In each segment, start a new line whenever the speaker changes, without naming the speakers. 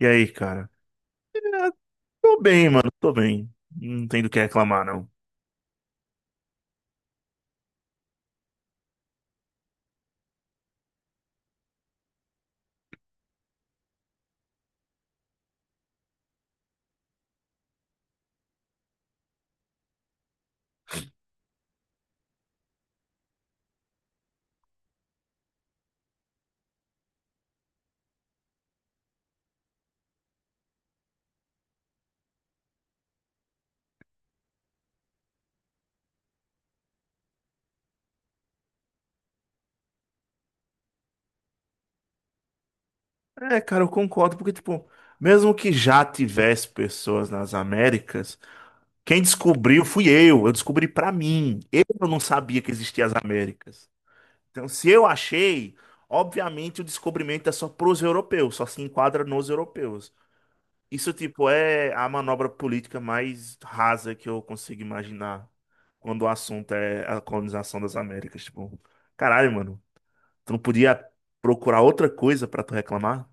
E aí, cara? É, tô bem, mano, tô bem. Não tem do que reclamar, não. É, cara, eu concordo, porque, tipo, mesmo que já tivesse pessoas nas Américas, quem descobriu fui eu. Eu descobri pra mim. Eu não sabia que existiam as Américas. Então, se eu achei, obviamente o descobrimento é só pros europeus, só se enquadra nos europeus. Isso, tipo, é a manobra política mais rasa que eu consigo imaginar quando o assunto é a colonização das Américas. Tipo, caralho, mano, tu não podia procurar outra coisa pra tu reclamar?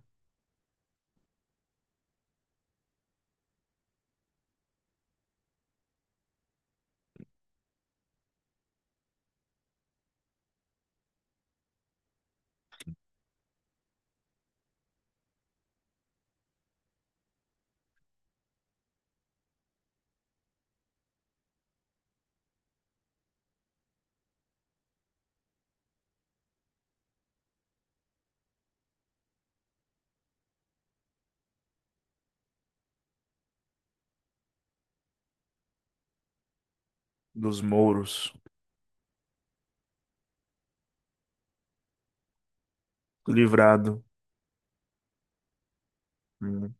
Dos mouros, livrado. Hum.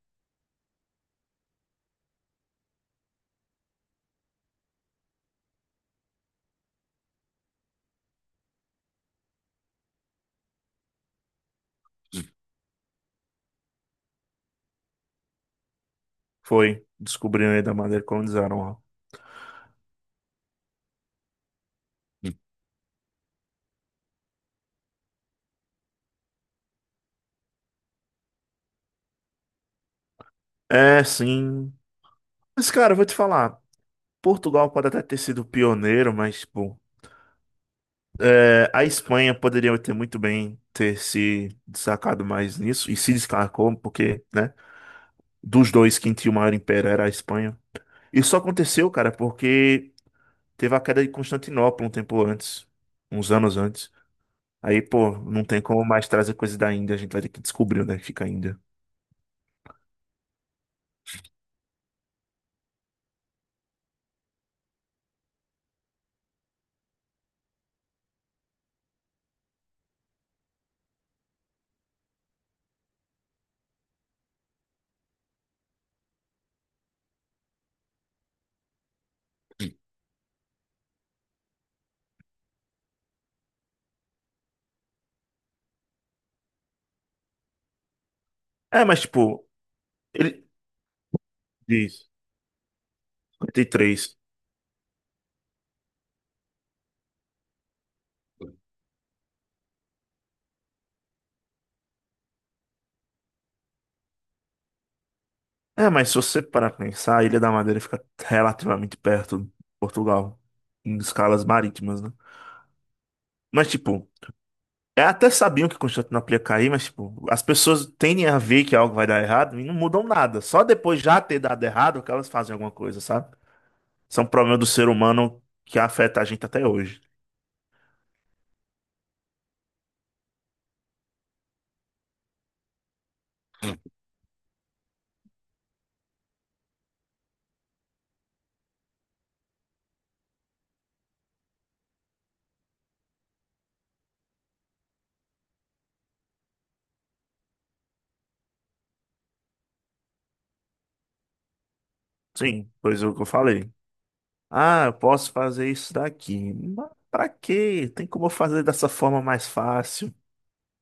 Foi, descobriram aí da maneira que colonizaram lá. É, sim. Mas, cara, eu vou te falar. Portugal pode até ter sido pioneiro, mas, tipo, é, a Espanha poderia ter muito bem ter se destacado mais nisso e se destacou porque, né, dos dois quem tinha o maior império era a Espanha. Isso aconteceu, cara, porque teve a queda de Constantinopla um tempo antes, uns anos antes. Aí, pô, não tem como mais trazer coisa da Índia, a gente vai ter que descobrir onde é que fica a Índia. É, mas tipo, ele diz 53. É, mas se você parar pra pensar, a Ilha da Madeira fica relativamente perto de Portugal, em escalas marítimas, né? Mas tipo, é, até sabiam que Constantinopla ia cair, mas tipo, as pessoas tendem a ver que algo vai dar errado e não mudam nada. Só depois já ter dado errado que elas fazem alguma coisa, sabe? Isso é um problema do ser humano que afeta a gente até hoje. Sim, pois é o que eu falei. Ah, eu posso fazer isso daqui. Mas pra quê? Tem como eu fazer dessa forma mais fácil?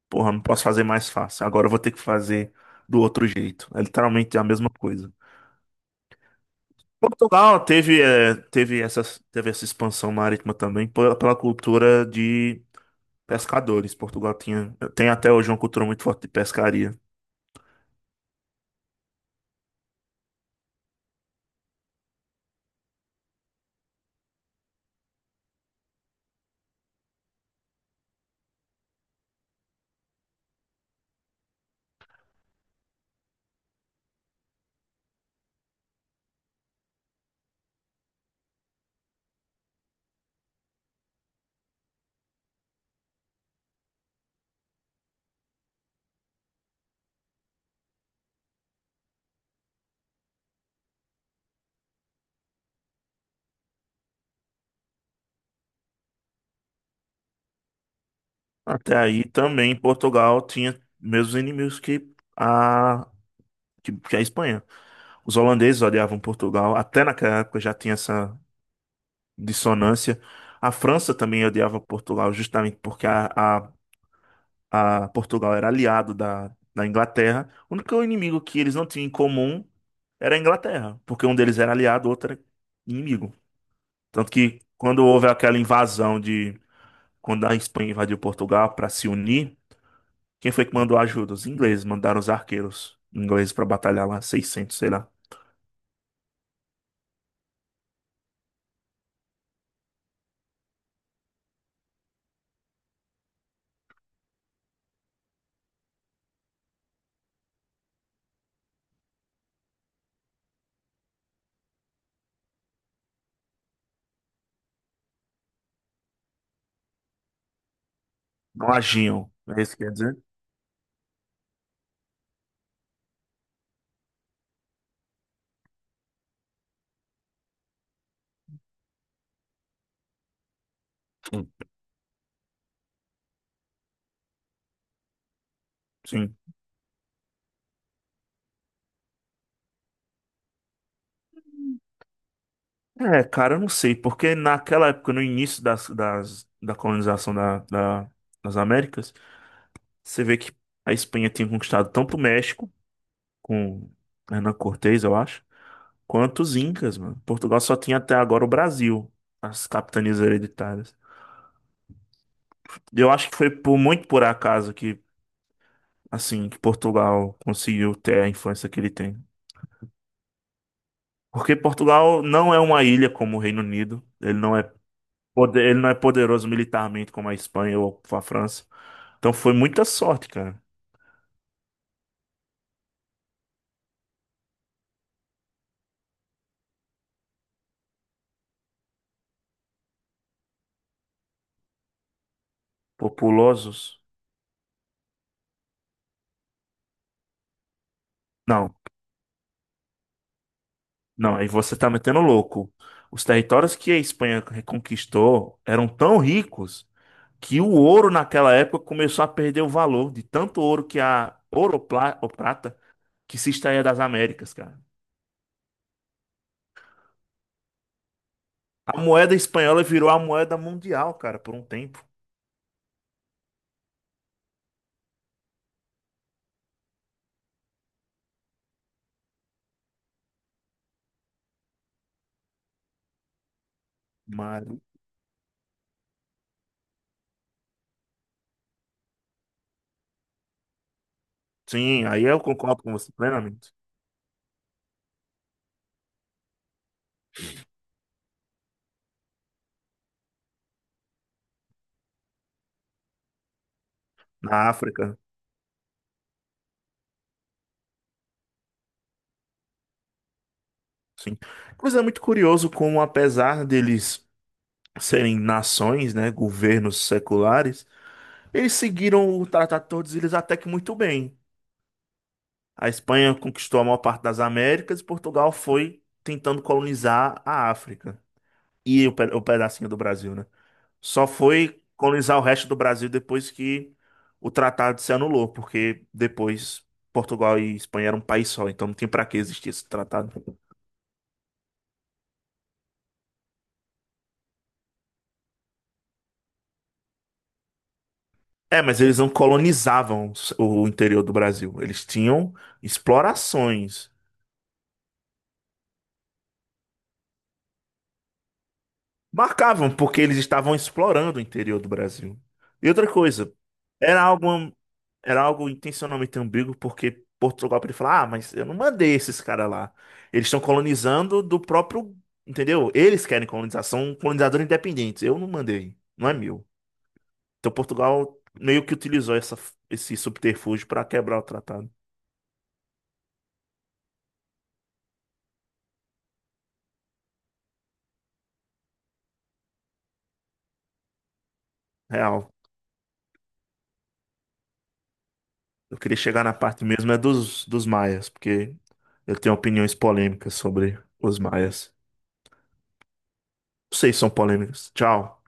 Porra, não posso fazer mais fácil. Agora eu vou ter que fazer do outro jeito. É literalmente a mesma coisa. Portugal teve, teve essa expansão marítima também pela cultura de pescadores. Portugal tinha, tem até hoje uma cultura muito forte de pescaria. Até aí também Portugal tinha mesmos inimigos que a, que a Espanha. Os holandeses odiavam Portugal, até naquela época já tinha essa dissonância. A França também odiava Portugal, justamente porque a, a a Portugal era aliado da, da Inglaterra. O único inimigo que eles não tinham em comum era a Inglaterra, porque um deles era aliado, o outro era inimigo. Tanto que quando houve aquela invasão de quando a Espanha invadiu Portugal para se unir, quem foi que mandou ajuda? Os ingleses mandaram os arqueiros ingleses para batalhar lá, seiscentos, sei lá. Não agiam, é isso que quer dizer? Hum. Sim. É, cara, eu não sei, porque naquela época, no início das, da colonização da, das Américas, você vê que a Espanha tinha conquistado tanto o México, com Hernán Cortés, eu acho, quanto os Incas, mano. Portugal só tinha até agora o Brasil, as capitanias hereditárias. Eu acho que foi por muito por acaso que, assim, que Portugal conseguiu ter a influência que ele tem. Porque Portugal não é uma ilha como o Reino Unido, ele não é poder, ele não é poderoso militarmente como a Espanha ou a França. Então foi muita sorte, cara. Populosos. Não. Não, aí você tá metendo louco. Os territórios que a Espanha reconquistou eram tão ricos que o ouro naquela época começou a perder o valor de tanto ouro que a ouro ou ou prata que se extraía das Américas, cara. A moeda espanhola virou a moeda mundial, cara, por um tempo. Mas sim, aí eu concordo com você plenamente. Na África, sim. Coisa muito curioso como apesar deles serem nações, né, governos seculares, eles seguiram o Tratado de Tordesilhas até que muito bem. A Espanha conquistou a maior parte das Américas e Portugal foi tentando colonizar a África e o, o pedacinho do Brasil, né? Só foi colonizar o resto do Brasil depois que o tratado se anulou, porque depois Portugal e Espanha eram um país só, então não tem para que existir esse tratado. É, mas eles não colonizavam o interior do Brasil. Eles tinham explorações. Marcavam, porque eles estavam explorando o interior do Brasil. E outra coisa, era algo, era algo intencionalmente ambíguo, porque Portugal podia falar, ah, mas eu não mandei esses caras lá. Eles estão colonizando do próprio, entendeu? Eles querem colonizar, são colonizadores independentes. Eu não mandei, não é meu. Então Portugal meio que utilizou essa, esse subterfúgio para quebrar o tratado. Real. Eu queria chegar na parte mesmo é dos, dos maias, porque eu tenho opiniões polêmicas sobre os maias. Vocês são polêmicas. Tchau.